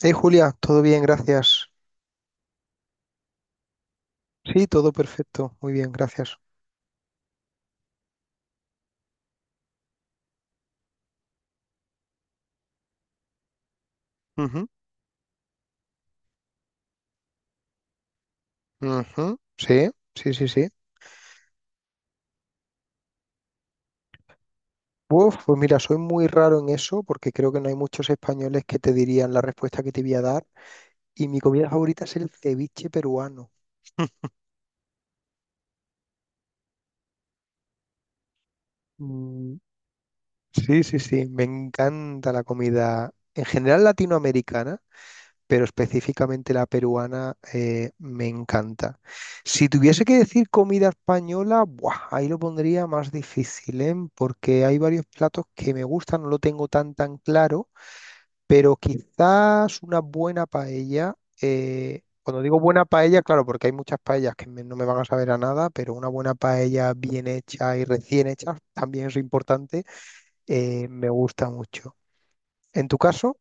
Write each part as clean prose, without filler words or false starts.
Hey Julia, todo bien, gracias. Sí, todo perfecto, muy bien, gracias. Ujú, ujú, Sí, sí, sí, sí. Uf, pues mira, soy muy raro en eso porque creo que no hay muchos españoles que te dirían la respuesta que te voy a dar. Y mi comida favorita es el ceviche peruano. Mm. Sí, sí, sí, me encanta la comida en general latinoamericana, pero específicamente la peruana, me encanta. Si tuviese que decir comida española, ¡buah!, ahí lo pondría más difícil, ¿eh? Porque hay varios platos que me gustan, no lo tengo tan tan claro, pero quizás una buena paella. Cuando digo buena paella, claro, porque hay muchas paellas que no me van a saber a nada, pero una buena paella bien hecha y recién hecha también es importante, me gusta mucho. En tu caso,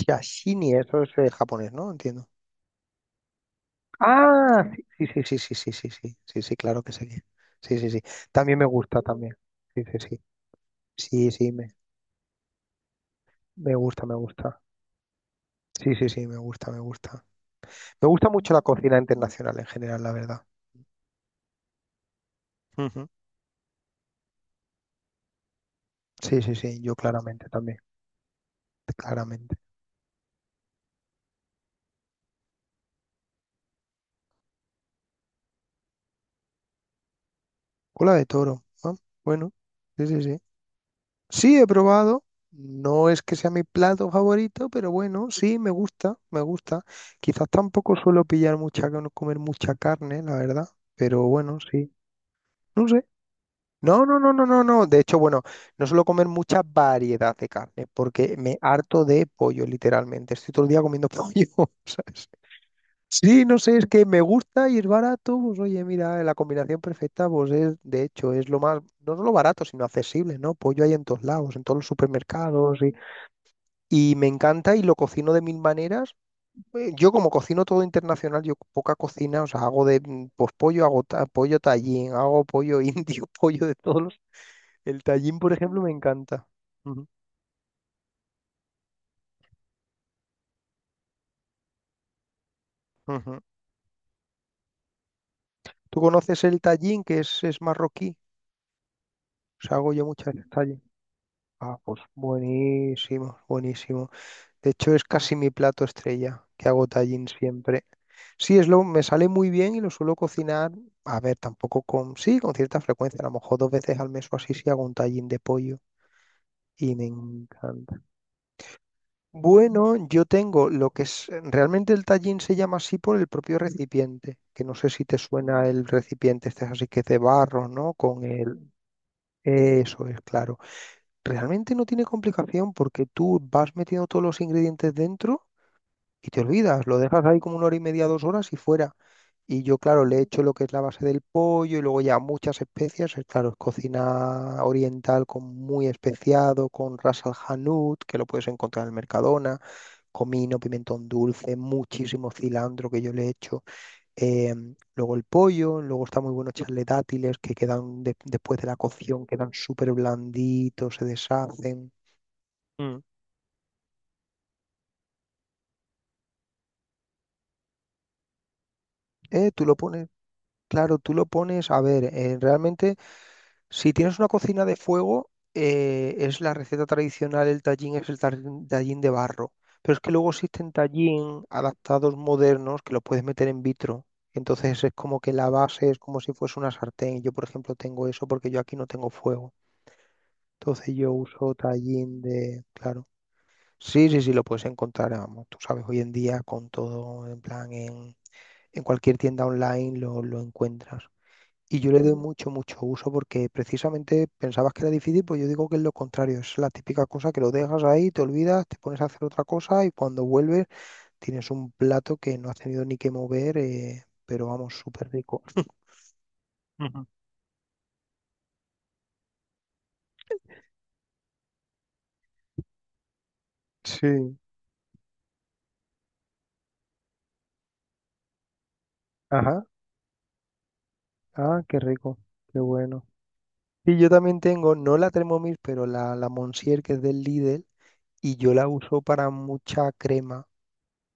sashimi, eso es, japonés, ¿no? Entiendo. Ah, sí, sí, sí, sí, sí, sí, sí, sí, sí, sí, claro que sí. Sí, sí, sí. También me gusta también. Sí, sí, sí. Sí, sí, me gusta, me gusta. Sí, sí, sí, me gusta, me gusta. Me gusta mucho la cocina internacional en general, la verdad. Ujú. Sí, sí, sí, yo claramente también, claramente. Cola de toro, ah, bueno, sí, sí, sí. Sí, he probado. No es que sea mi plato favorito, pero bueno, sí, me gusta, me gusta. Quizás tampoco suelo pillar comer mucha carne, la verdad. Pero bueno, sí. No sé. No, no, no, no, no, no. De hecho, bueno, no suelo comer mucha variedad de carne porque me harto de pollo, literalmente. Estoy todo el día comiendo pollo, ¿sabes? Sí, no sé, es que me gusta y es barato. Pues oye, mira, la combinación perfecta, pues es, de hecho, es lo más, no solo barato, sino accesible, ¿no? Pollo hay en todos lados, en todos los supermercados, y me encanta y lo cocino de mil maneras. Yo como cocino todo internacional, yo poca cocina, o sea, hago pues, pollo, hago pollo tallín, hago pollo indio, pollo de todos los. El Tallín, por ejemplo, me encanta. Ujú, ujú. ¿Tú conoces el Tallín, que es marroquí? O sea, hago yo muchas veces Tallín. Ah, pues buenísimo, buenísimo. De hecho, es casi mi plato estrella, que hago Tallín siempre. Sí, es lo, me sale muy bien y lo suelo cocinar, a ver, tampoco con, sí, con cierta frecuencia, a lo mejor dos veces al mes o así, sí hago un Tallín de pollo y me encanta. Bueno, yo tengo lo que es, realmente el tallín se llama así por el propio recipiente, que no sé si te suena el recipiente, este es así que es de barro, ¿no? Con el, eso es, claro. Realmente no tiene complicación porque tú vas metiendo todos los ingredientes dentro y te olvidas, lo dejas ahí como una hora y media, dos horas y fuera. Y yo, claro, le echo lo que es la base del pollo y luego ya muchas especias. Es, claro, es cocina oriental con muy especiado, con ras al hanout, que lo puedes encontrar en el Mercadona, comino, pimentón dulce, muchísimo cilantro que yo le echo. Eh, luego el pollo, luego está muy bueno echarle dátiles que quedan después de la cocción, quedan súper blanditos, se deshacen. Mm. Tú lo pones, claro, tú lo pones, a ver, realmente si tienes una cocina de fuego, es la receta tradicional, el tallín es el tallín de barro. Pero es que luego existen tallín adaptados modernos que los puedes meter en vitro. Entonces es como que la base es como si fuese una sartén. Yo, por ejemplo, tengo eso porque yo aquí no tengo fuego. Entonces yo uso tallín de... Claro. Sí, sí, sí, lo puedes encontrar, vamos. Tú sabes, hoy en día con todo, en plan, en cualquier tienda online lo encuentras. Y yo le doy mucho, mucho uso porque precisamente pensabas que era difícil, pues yo digo que es lo contrario, es la típica cosa que lo dejas ahí, te olvidas, te pones a hacer otra cosa y cuando vuelves tienes un plato que no has tenido ni que mover, pero vamos, súper rico. Ujú. Sí, ajá, ah, qué rico, qué bueno. Y yo también tengo, no la Thermomix, pero la Monsieur que es del Lidl, y yo la uso para mucha crema.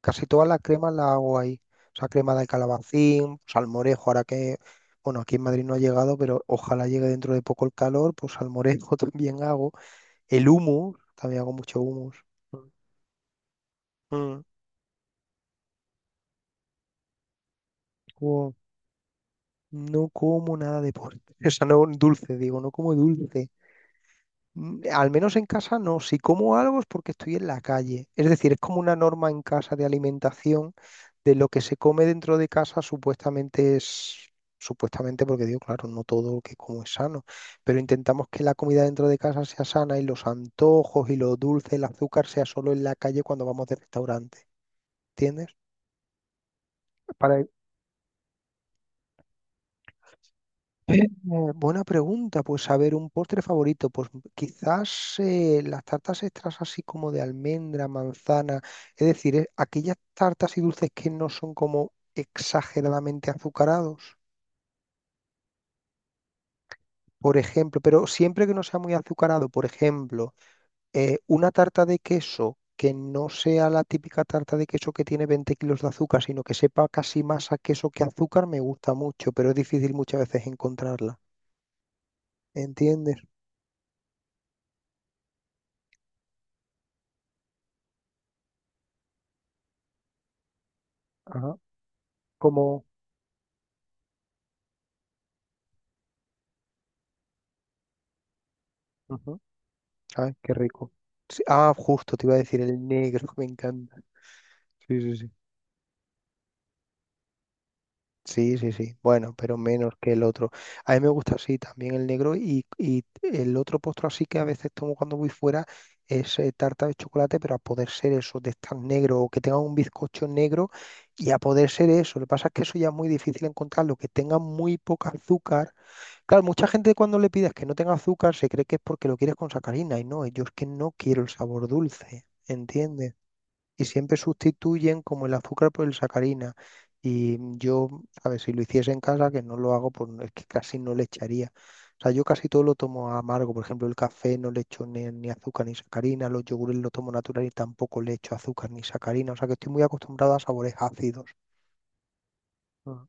Casi toda la crema la hago ahí. O sea, crema de calabacín, salmorejo, ahora que, bueno, aquí en Madrid no ha llegado, pero ojalá llegue dentro de poco el calor, pues salmorejo también hago. El humus, también hago mucho humus. Mm. Mm. Wow. No como nada de postre. O sea, no dulce, digo, no como dulce. Mm, al menos en casa no. Si como algo es porque estoy en la calle. Es decir, es como una norma en casa de alimentación de lo que se come dentro de casa, supuestamente es, supuestamente porque digo, claro, no todo lo que como es sano, pero intentamos que la comida dentro de casa sea sana y los antojos y lo dulce, el azúcar, sea solo en la calle cuando vamos de restaurante. ¿Entiendes? Para... eh, buena pregunta, pues a ver, un postre favorito, pues quizás, las tartas extras así como de almendra, manzana, es decir, aquellas tartas y dulces que no son como exageradamente azucarados. Por ejemplo, pero siempre que no sea muy azucarado, por ejemplo, una tarta de queso que no sea la típica tarta de queso que tiene 20 kilos de azúcar, sino que sepa casi más a queso que azúcar, me gusta mucho, pero es difícil muchas veces encontrarla. ¿Entiendes? Ajá. Como... Ujú. Ay, qué rico. Sí, ah, justo, te iba a decir el negro, me encanta. Sí, sí, sí. Sí, sí, sí. Bueno, pero menos que el otro. A mí me gusta así también el negro, y el otro postre así que a veces tomo cuando voy fuera es, tarta de chocolate, pero a poder ser eso, de estar negro o que tenga un bizcocho negro, y a poder ser eso. Lo que pasa es que eso ya es muy difícil encontrarlo, que tenga muy poca azúcar. Claro, mucha gente cuando le pides que no tenga azúcar se cree que es porque lo quieres con sacarina, y no, yo es que no quiero el sabor dulce, ¿entiendes? Y siempre sustituyen como el azúcar por el sacarina. Y yo, ¿sabes? Si lo hiciese en casa, que no lo hago, pues es que casi no le echaría. O sea, yo casi todo lo tomo amargo. Por ejemplo, el café no le echo ni, ni azúcar ni sacarina, los yogures lo tomo natural y tampoco le echo azúcar ni sacarina. O sea, que estoy muy acostumbrado a sabores ácidos. Mm,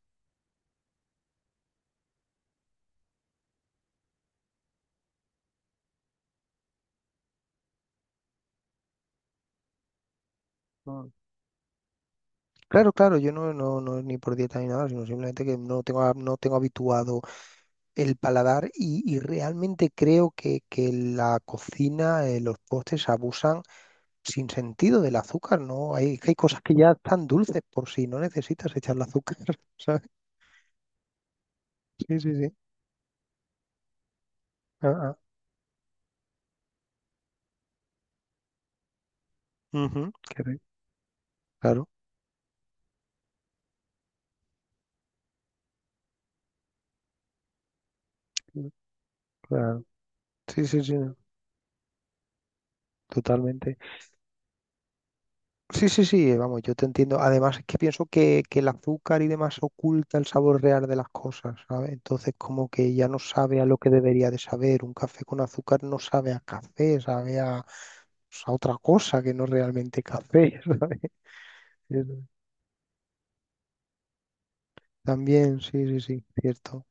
mm. Claro, claro, yo no, no, no es ni por dieta ni nada, sino simplemente que no tengo habituado el paladar, y realmente creo que, la cocina, los postres abusan sin sentido del azúcar, ¿no? Que hay cosas que ya están dulces por si no necesitas echarle azúcar, ¿sabes? Sí, sí, sí. Ah, ah. Ujú, qué rico. Claro, claro. Sí, sí, sí, no, totalmente. Sí, sí, sí, vamos, yo te entiendo. Además, es que pienso que, el azúcar y demás oculta el sabor real de las cosas, ¿sabes? Entonces, como que ya no sabe a lo que debería de saber. Un café con azúcar no sabe a café, sabe a, pues, a otra cosa que no es realmente café, ¿sabes? Eso es. También, sí, sí, sí, cierto.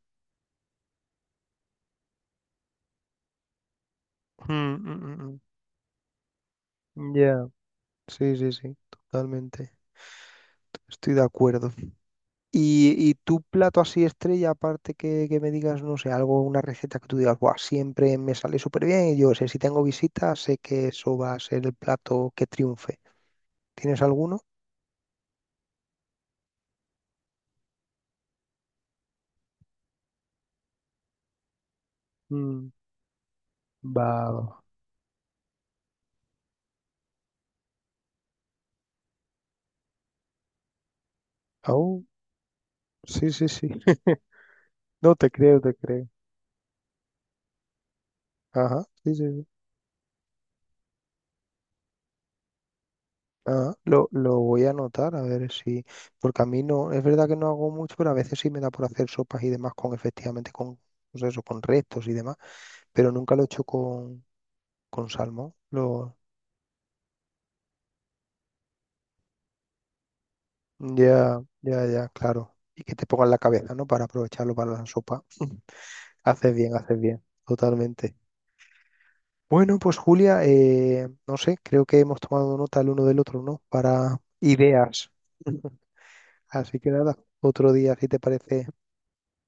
Mm, mm, mm, mm. Ya, sí, sí, sí, totalmente. Estoy de acuerdo. ¿Y y tu plato así estrella, aparte que, me digas, no sé, algo, una receta que tú digas, "Buah, siempre me sale súper bien y yo sé, si tengo visitas, sé que eso va a ser el plato que triunfe"? ¿Tienes alguno? Mm, va, va. Oh, sí, sí, sí. No te creo, te creo. Ajá, sí, sí, sí. Ah, lo voy a anotar, a ver si, porque a mí no, es verdad que no hago mucho, pero a veces sí me da por hacer sopas y demás con, efectivamente, con, pues eso, con restos y demás, pero nunca lo he hecho con, salmón. Ya, ya, ya, claro. Y que te pongan la cabeza, ¿no? Para aprovecharlo para la sopa. Haces bien, totalmente. Bueno, pues Julia, no sé, creo que hemos tomado nota el uno del otro, ¿no? Para ideas. Así que nada, otro día, si te parece,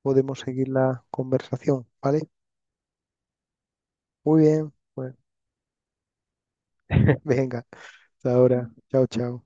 podemos seguir la conversación, ¿vale? Muy bien, pues venga, hasta ahora. Chao, chao.